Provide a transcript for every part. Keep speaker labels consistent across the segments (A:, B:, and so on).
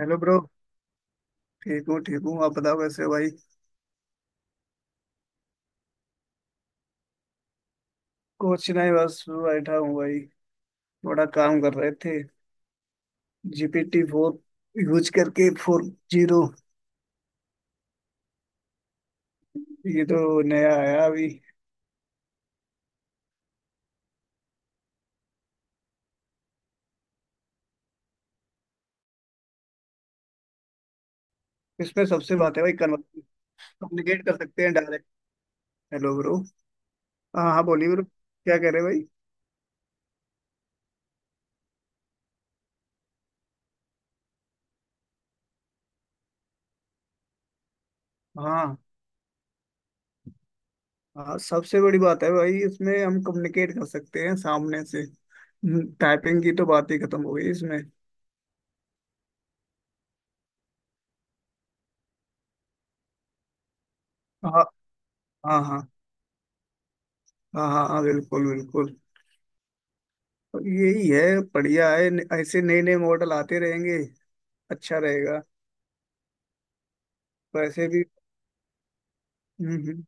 A: Hello bro. ठीक हूँ ठीक हूँ, आप बताओ कैसे हो भाई। कुछ नहीं बस बैठा हूँ भाई। थोड़ा काम कर रहे थे। जीपीटी 4 यूज करके, 4o। ये तो नया आया अभी। इसमें सबसे बात है भाई, कम्युनिकेट कर सकते हैं डायरेक्ट। Hello bro. हाँ हाँ, बोलिए ब्रो, क्या कह रहे हैं भाई। हाँ हाँ, सबसे बड़ी बात है भाई इसमें हम कम्युनिकेट कर सकते हैं सामने से। टाइपिंग की तो बात ही खत्म हो गई इसमें। हाँ हाँ हाँ हाँ हाँ हाँ, बिल्कुल बिल्कुल। तो यही है, बढ़िया है ऐसे नए नए मॉडल आते रहेंगे, अच्छा रहेगा। वैसे भी। हम्म हम्म।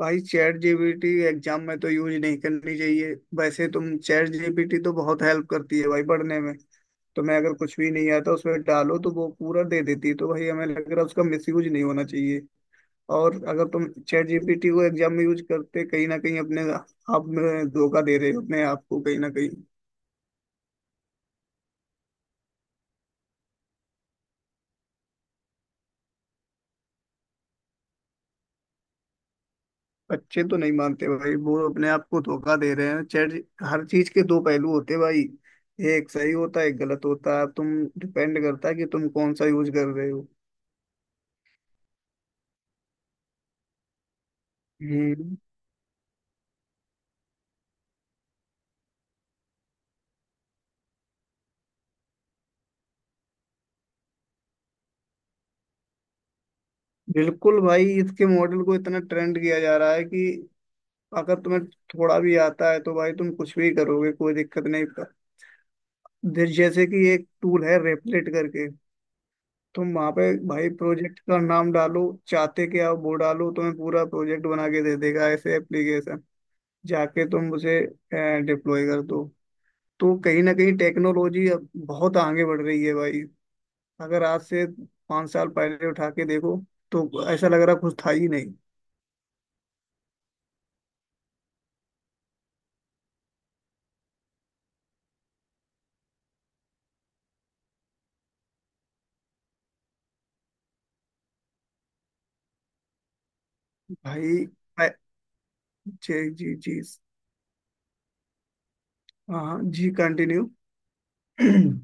A: भाई चैट जीपीटी एग्जाम में तो यूज नहीं करनी चाहिए। वैसे तुम, चैट जीपीटी तो बहुत हेल्प करती है भाई पढ़ने में। तुम्हें अगर कुछ भी नहीं आता, उसमें डालो तो वो पूरा दे देती है, तो भाई हमें लग रहा है उसका मिस यूज नहीं होना चाहिए। और अगर तुम चैट जीपीटी को एग्जाम में यूज करते, कहीं ना कहीं अपने आप में धोखा दे रहे हो, अपने आप को कहीं ना कहीं। बच्चे तो नहीं मानते भाई, वो अपने आप को धोखा दे रहे हैं चैट। हर चीज के दो पहलू होते हैं भाई। एक सही होता है एक गलत होता है, अब तुम डिपेंड करता है कि तुम कौन सा यूज कर रहे हो। हम्म। बिल्कुल भाई, इसके मॉडल को इतना ट्रेंड किया जा रहा है कि अगर तुम्हें थोड़ा भी आता है तो भाई तुम कुछ भी करोगे, कोई दिक्कत नहीं। पर जैसे कि एक टूल है रेपलेट करके, तुम वहां पे भाई प्रोजेक्ट का नाम डालो, चाहते क्या हो वो डालो, तुम्हें पूरा प्रोजेक्ट बना के दे देगा। ऐसे एप्लीकेशन जाके तुम उसे डिप्लॉय कर दो। तो कहीं ना कहीं टेक्नोलॉजी अब बहुत आगे बढ़ रही है भाई। अगर आज से 5 साल पहले उठा के देखो, तो ऐसा लग रहा कुछ था ही नहीं। भाई अ- जी जी जी। हाँ हाँ, जी कंटिन्यू।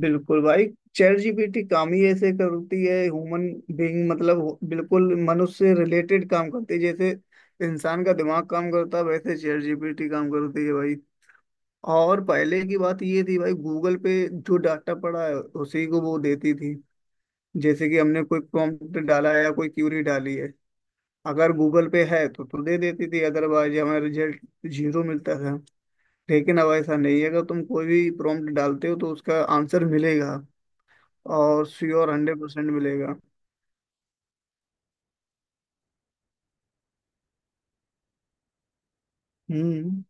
A: बिल्कुल भाई, चैट जीपीटी काम ही ऐसे करती है। ह्यूमन बीइंग मतलब बिल्कुल मनुष्य से रिलेटेड काम करती है, जैसे इंसान का दिमाग काम करता है वैसे चैट जीपीटी काम करती है। और पहले की बात ये थी भाई, गूगल पे जो डाटा पड़ा है उसी को वो देती थी। जैसे कि हमने कोई प्रॉम्प्ट डाला है या कोई क्यूरी डाली है, अगर गूगल पे है तो दे देती थी, अदरवाइज हमारा रिजल्ट 0 मिलता था। लेकिन अब ऐसा नहीं है, अगर तुम कोई भी प्रॉम्प्ट डालते हो तो उसका आंसर मिलेगा, और श्योर 100% मिलेगा। हम्म।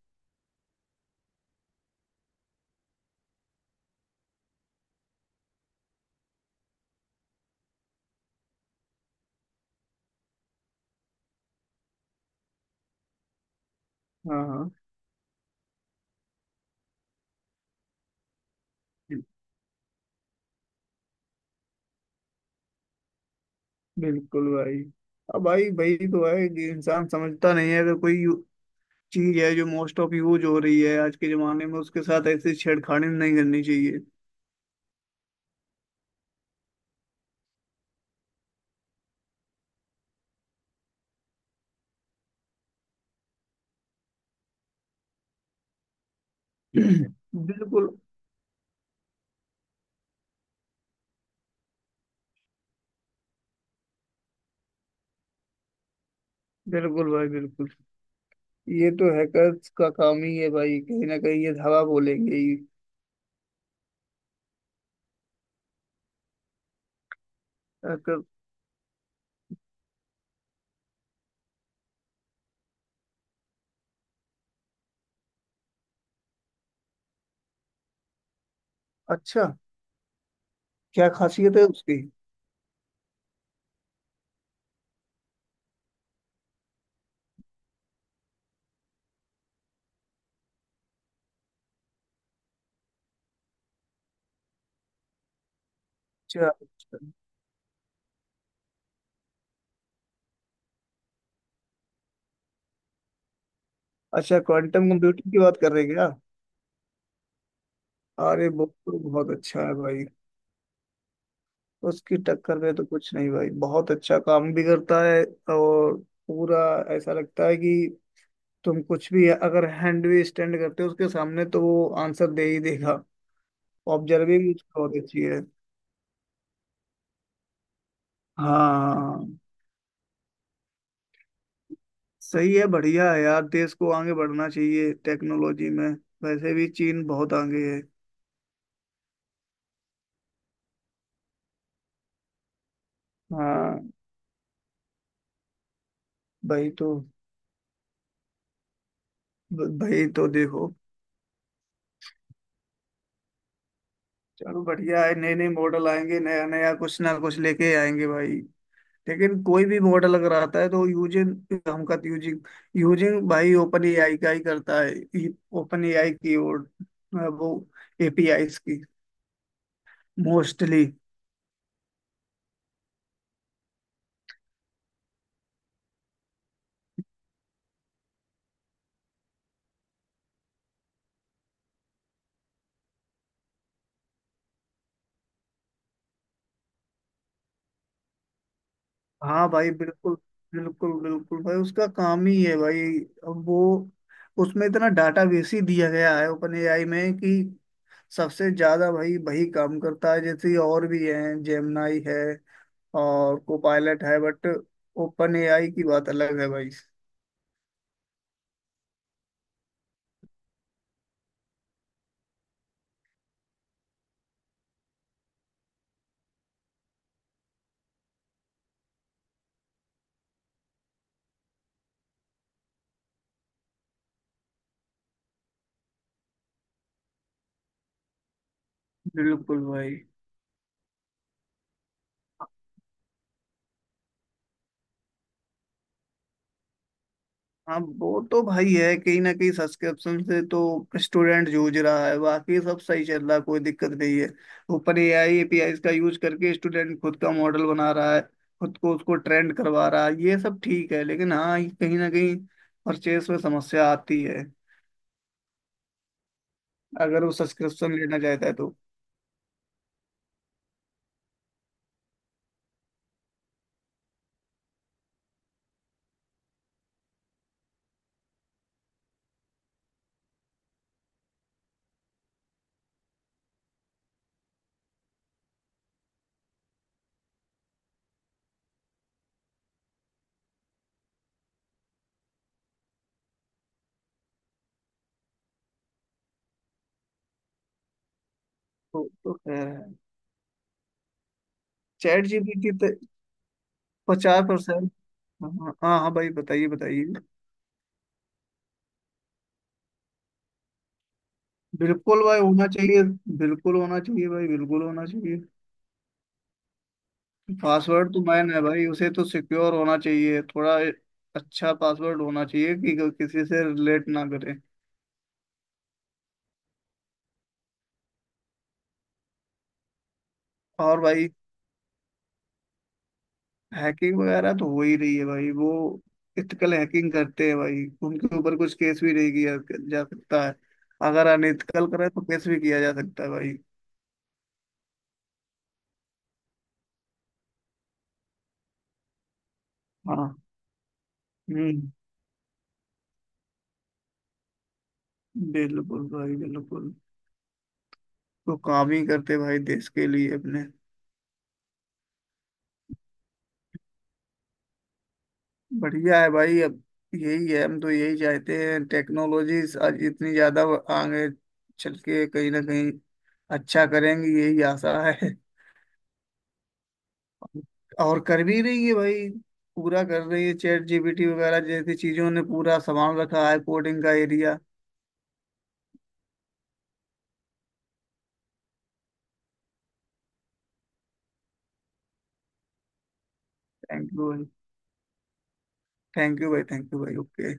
A: हाँ हाँ। बिल्कुल भाई। अब भाई भाई तो है कि इंसान समझता नहीं है, अगर कोई चीज है जो मोस्ट ऑफ यूज हो रही है आज के जमाने में, उसके साथ ऐसी छेड़खानी नहीं करनी चाहिए। बिल्कुल बिल्कुल भाई बिल्कुल। ये तो हैकर्स का काम ही है भाई, कहीं ना कहीं ये धावा बोलेंगे ही। Hacker- अच्छा। क्या खासियत है उसकी। अच्छा। अच्छा, क्वांटम कंप्यूटिंग की बात कर रहे हैं क्या। अरे वो तो बहुत अच्छा है भाई। उसकी टक्कर में तो कुछ नहीं भाई, बहुत अच्छा काम भी करता है। और पूरा ऐसा लगता है कि तुम कुछ भी अगर हैंड भी स्टैंड करते हो उसके सामने, तो वो आंसर दे ही देगा। ऑब्जर्विंग उसकी बहुत अच्छी है। हाँ, सही है, बढ़िया है यार, देश को आगे बढ़ना चाहिए टेक्नोलॉजी में। वैसे भी चीन बहुत आगे है। हाँ। भाई तो भाई तो देखो, चलो बढ़िया है, नए नए मॉडल आएंगे, नया नया कुछ ना कुछ लेके आएंगे भाई। लेकिन कोई भी मॉडल अगर आता है तो यूजिन हमका यूजिंग यूजिंग भाई ओपन एआई का ही करता है। ओपन एआई की, और वो एपीआई की, मोस्टली। हाँ भाई बिल्कुल। बिल्कुल बिल्कुल भाई, उसका काम ही है भाई। अब वो, उसमें इतना डाटाबेस ही दिया गया है ओपन एआई में कि सबसे ज्यादा भाई वही काम करता है। जैसे और भी हैं, जेमनाई है और कोपायलट है, बट ओपन एआई की बात अलग है भाई। बिल्कुल भाई। हाँ वो तो भाई है, कहीं ना कहीं सब्सक्रिप्शन से तो स्टूडेंट जूझ रहा है, बाकी सब सही चल रहा है, कोई दिक्कत नहीं है। ऊपर एआई एपीआई का यूज करके स्टूडेंट खुद का मॉडल बना रहा है, खुद को उसको ट्रेंड करवा रहा है, ये सब ठीक है। लेकिन हाँ ये कहीं ना कहीं परचेस में समस्या आती है, अगर वो सब्सक्रिप्शन लेना चाहता है तो। तो खैर है। चैट जीपीटी तो 50%। हाँ। हाँ हाँ भाई, बताइए बताइए। बिल्कुल भाई होना चाहिए, बिल्कुल होना चाहिए भाई, बिल्कुल होना चाहिए। पासवर्ड तो मैन है भाई, उसे तो सिक्योर होना चाहिए थोड़ा। अच्छा पासवर्ड होना चाहिए कि किसी से रिलेट ना करे। और भाई हैकिंग वगैरह तो हो ही रही है भाई, वो इथिकल हैकिंग करते हैं भाई, उनके ऊपर कुछ केस भी नहीं किया जा सकता है। अगर अनएथिकल करे तो केस भी किया जा सकता है भाई। हाँ। हम्म। बिल्कुल भाई बिल्कुल, तो काम ही करते भाई देश के लिए अपने। बढ़िया है भाई। अब यही है, हम तो यही चाहते हैं, टेक्नोलॉजीज आज इतनी ज्यादा आगे चल के कहीं ना कहीं अच्छा करेंगी, यही आशा है। और कर भी रही है भाई, पूरा कर रही है। चैट जीपीटी वगैरह जैसी चीजों ने पूरा संभाल रखा है कोडिंग का एरिया। थैंक यू भाई, थैंक यू भाई, थैंक यू भाई, ओके।